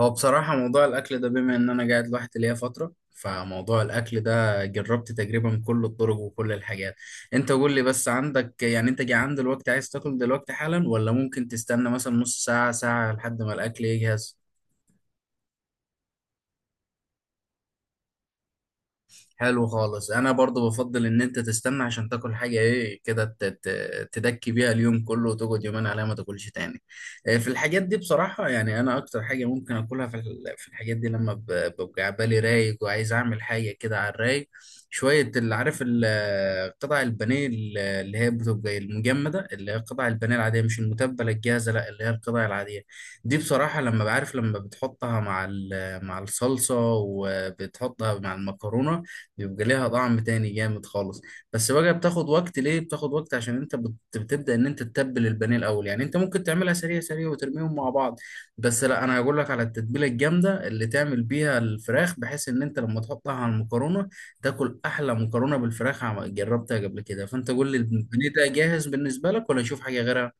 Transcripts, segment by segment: هو بصراحة موضوع الأكل ده بما إن أنا قاعد لوحدي ليا فترة، فموضوع الأكل ده جربت تقريبا كل الطرق وكل الحاجات. أنت قول لي بس، عندك يعني أنت جعان دلوقتي عايز تاكل دلوقتي حالا، ولا ممكن تستنى مثلا نص ساعة ساعة لحد ما الأكل يجهز؟ حلو خالص، انا برضو بفضل ان انت تستنى عشان تاكل حاجه ايه كده تدكي بيها اليوم كله وتقعد يومين عليها ما تاكلش تاني. في الحاجات دي بصراحه، يعني انا اكتر حاجه ممكن اكلها في الحاجات دي لما ببقى بالي رايق وعايز اعمل حاجه كده على الرايق شويه، اللي عارف قطع البانيه اللي هي بتبقى المجمده، اللي هي قطع البانيه العاديه مش المتبله الجاهزه، لا اللي هي القطع العاديه دي. بصراحه لما بعرف، لما بتحطها مع مع الصلصه وبتحطها مع المكرونه بيبقى ليها طعم تاني جامد خالص. بس بقى بتاخد وقت، ليه بتاخد وقت؟ عشان انت بتبدأ ان انت تتبل البانيه الاول. يعني انت ممكن تعملها سريع سريع وترميهم مع بعض، بس لا، انا هقول لك على التتبيله الجامده اللي تعمل بيها الفراخ، بحيث ان انت لما تحطها على المكرونه تاكل احلى مكرونه بالفراخ. جربتها قبل كده. فانت قول لي، البانيه ده جاهز بالنسبه لك ولا نشوف حاجه غيرها؟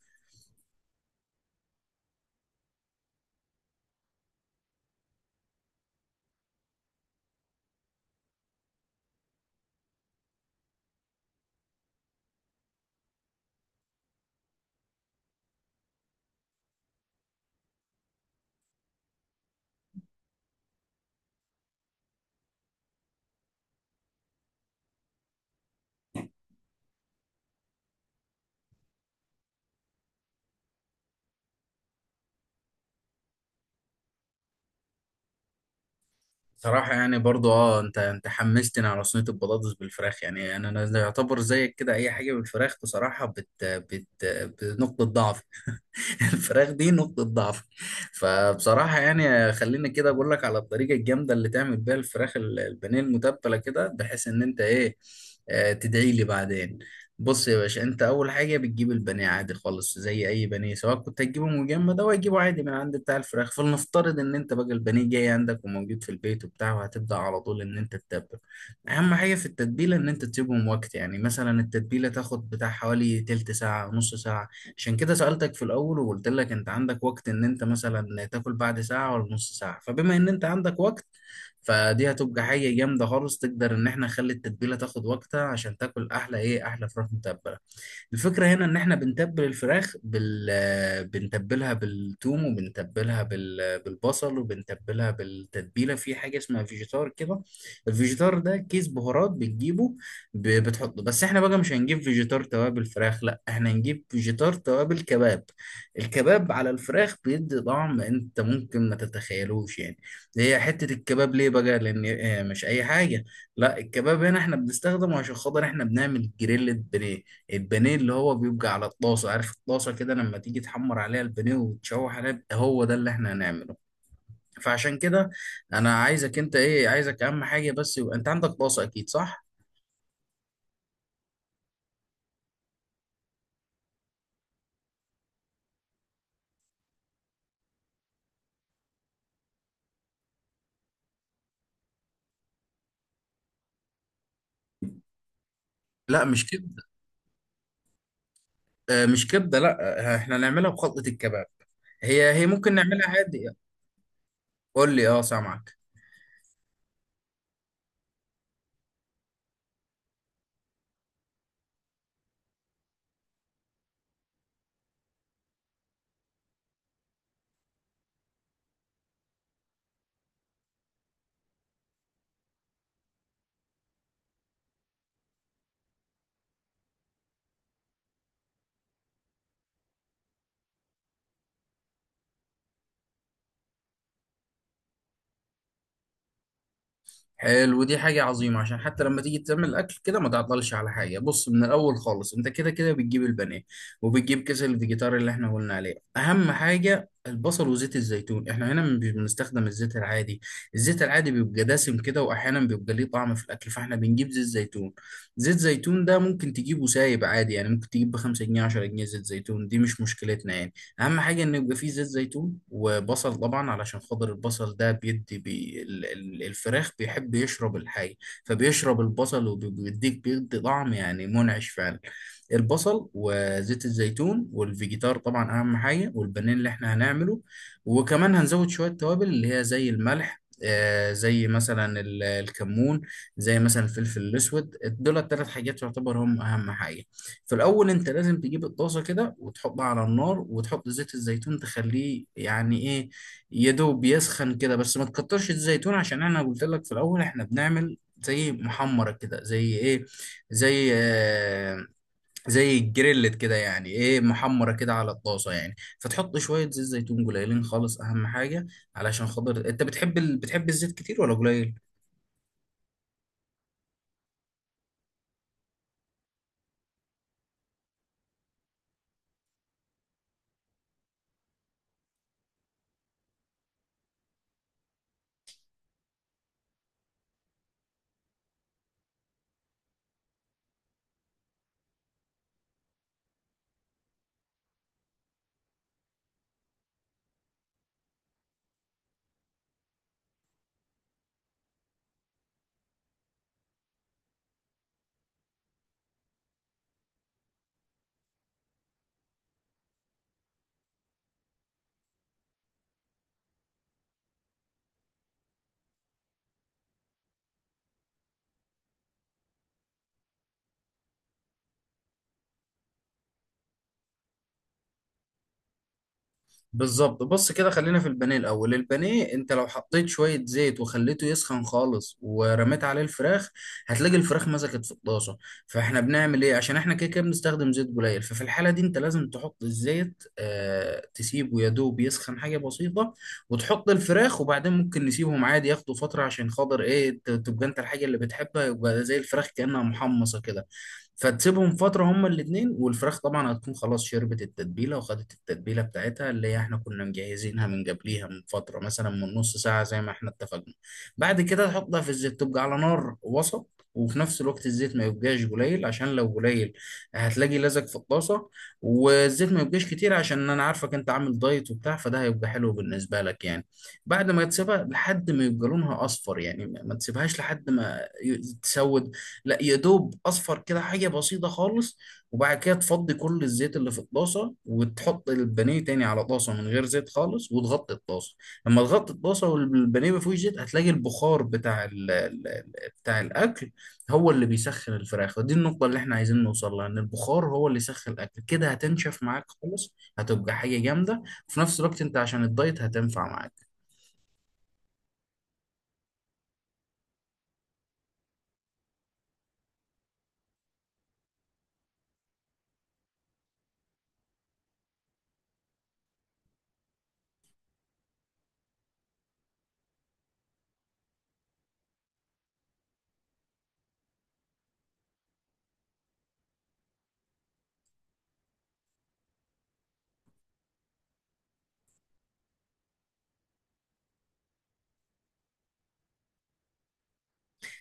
صراحة، يعني برضو اه، انت انت حمستني على صينية البطاطس بالفراخ. يعني انا انا يعتبر زيك كده، اي حاجة بالفراخ بصراحة بت بت بنقطة ضعف. الفراخ دي نقطة ضعف. فبصراحة يعني خليني كده أقول لك على الطريقة الجامدة اللي تعمل بيها الفراخ البانيه المتبلة كده، بحيث إن أنت إيه، تدعي لي بعدين. بص يا باشا، أنت أول حاجة بتجيب البانيه عادي خالص، زي أي بانيه، سواء كنت هتجيبه مجمد أو هتجيبه عادي من عند بتاع الفراخ. فلنفترض إن أنت بقى البانيه جاي عندك وموجود في البيت وبتاع، وهتبدأ على طول إن أنت تتبل. أهم حاجة في التتبيلة إن أنت تسيبهم وقت، يعني مثلا التتبيلة تاخد بتاع حوالي تلت ساعة نص ساعة. عشان كده سألتك في الأول وقلت لك أنت عندك وقت إن أنت مثلا تاكل بعد ساعة ولا نص ساعة، فبما إن أنت عندك وقت فدي هتبقى حاجة جامدة خالص. تقدر إن إحنا نخلي التتبيلة تاخد وقتها عشان تاكل أحلى إيه، أحلى فراخ متبلة. الفكرة هنا إن إحنا بنتبل الفراخ بال آه، بنتبلها بالثوم وبنتبلها بالبصل وبنتبلها بالتتبيلة. في حاجة اسمها فيجيتار كده. الفيجيتار ده كيس بهارات بتجيبه، بتحط. بس احنا بقى مش هنجيب فيجيتار توابل فراخ، لا احنا هنجيب فيجيتار توابل كباب. الكباب على الفراخ بيدي طعم انت ممكن ما تتخيلوش يعني. هي حتة الكباب ليه بقى؟ لان مش اي حاجة، لا الكباب هنا احنا بنستخدمه عشان خاطر احنا بنعمل جريل بانيه. البانيه اللي هو بيبقى على الطاسة، عارف الطاسة كده لما تيجي تحمر عليها البانيه وتشوح عليها، هو ده اللي احنا هنعمله. فعشان كده، انا عايزك، انت ايه، عايزك اهم حاجة بس يبقى انت عندك طاسة، اكيد صح؟ لا مش كده. مش كبده لا. احنا نعملها بخلطه الكباب. هي هي ممكن نعملها عادي. قول لي، اه سامعك. حلو، دي حاجه عظيمه عشان حتى لما تيجي تعمل الاكل كده ما تعطلش على حاجه. بص، من الاول خالص انت كده كده بتجيب البانيه وبتجيب كيس الفيجيتار اللي احنا قلنا عليه. اهم حاجه البصل وزيت الزيتون، احنا هنا مش بنستخدم الزيت العادي. الزيت العادي بيبقى دسم كده، واحيانا بيبقى ليه طعم في الاكل، فاحنا بنجيب زيت زيتون. زيت زيتون ده ممكن تجيبه سايب عادي، يعني ممكن تجيب ب 5 جنيه 10 جنيه، زيت زيتون دي مش مشكلتنا يعني. اهم حاجه انه يبقى فيه زيت زيتون وبصل، طبعا علشان خاطر البصل ده بيدي الفراخ بيحب يشرب الحاجه، فبيشرب البصل وبيديك، بيدي طعم يعني منعش فعلا. البصل وزيت الزيتون والفيجيتار طبعا اهم حاجه، والبانيه اللي احنا هنعمله. وكمان هنزود شويه توابل اللي هي زي الملح، زي مثلا الكمون، زي مثلا الفلفل الاسود. دول الثلاث حاجات يعتبر هم اهم حاجه. في الاول انت لازم تجيب الطاسه كده وتحطها على النار وتحط زيت الزيتون، تخليه يعني ايه، يا دوب يسخن كده بس ما تكترش الزيتون. عشان انا قلت لك في الاول احنا بنعمل زي محمره كده، زي ايه، زي زي الجريلت كده، يعني ايه محمره كده على الطاسه يعني. فتحط شويه زيت زيتون قليلين خالص، اهم حاجه علشان خاطر انت بتحب بتحب الزيت كتير ولا قليل؟ بالظبط، بص كده خلينا في البانيه الاول. البانيه انت لو حطيت شويه زيت وخليته يسخن خالص ورميت عليه الفراخ هتلاقي الفراخ مسكت في الطاسه. فاحنا بنعمل ايه؟ عشان احنا كده كده بنستخدم زيت قليل. ففي الحاله دي انت لازم تحط الزيت تسيبه يدوب يسخن حاجه بسيطه وتحط الفراخ. وبعدين ممكن نسيبهم عادي ياخدوا فتره عشان خاطر ايه، تبقى انت الحاجه اللي بتحبها يبقى زي الفراخ كانها محمصه كده. فتسيبهم فترة هما الاتنين، والفراخ طبعا هتكون خلاص شربت التتبيلة وخدت التتبيلة بتاعتها اللي احنا كنا مجهزينها من قبليها من فترة مثلا من نص ساعة زي ما احنا اتفقنا. بعد كده تحطها في الزيت تبقى على نار وسط، وفي نفس الوقت الزيت ما يبقاش قليل عشان لو قليل هتلاقي لزق في الطاسة، والزيت ما يبقاش كتير عشان انا عارفك انت عامل دايت وبتاع، فده هيبقى حلو بالنسبة لك يعني. بعد ما تسيبها لحد ما يبقى لونها اصفر، يعني ما تسيبهاش لحد ما تسود، لا يا دوب اصفر كده حاجه بسيطه خالص. وبعد كده تفضي كل الزيت اللي في الطاسه وتحط البانيه تاني على طاسه من غير زيت خالص وتغطي الطاسه. لما تغطي الطاسه والبانيه ما فيهوش زيت هتلاقي البخار بتاع بتاع الاكل هو اللي بيسخن الفراخ. ودي النقطه اللي احنا عايزين نوصل لها، ان البخار هو اللي يسخن الاكل كده، هتنشف معاك خالص، هتبقى حاجه جامده. وفي نفس الوقت انت عشان الدايت هتنفع معاك.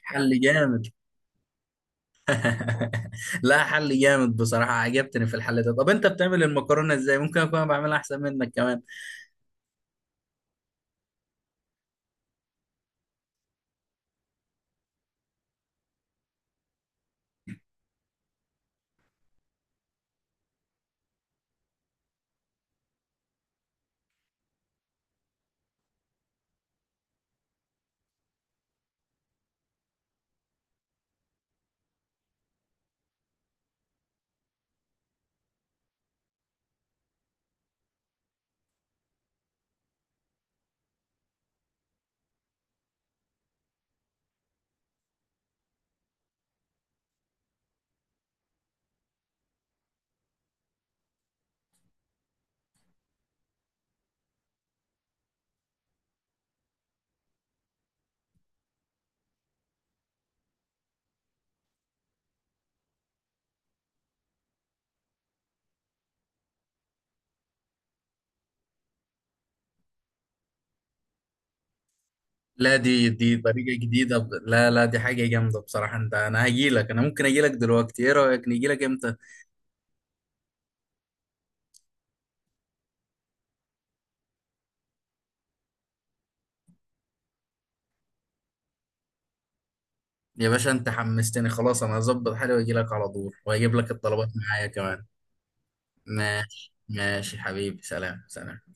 حل جامد. لا حل جامد بصراحة، عجبتني في الحل ده. طب انت بتعمل المكرونة ازاي؟ ممكن اكون بعملها احسن منك كمان. لا دي طريقة جديدة، لا، لا، دي حاجة جامدة بصراحة. انت انا هجيلك، انا ممكن اجيلك دلوقتي، ايه رأيك نجيلك امتى؟ يا باشا انت حمستني خلاص، انا هظبط حالي واجيلك على طول واجيب لك الطلبات معايا كمان. ماشي ماشي حبيبي، سلام سلام.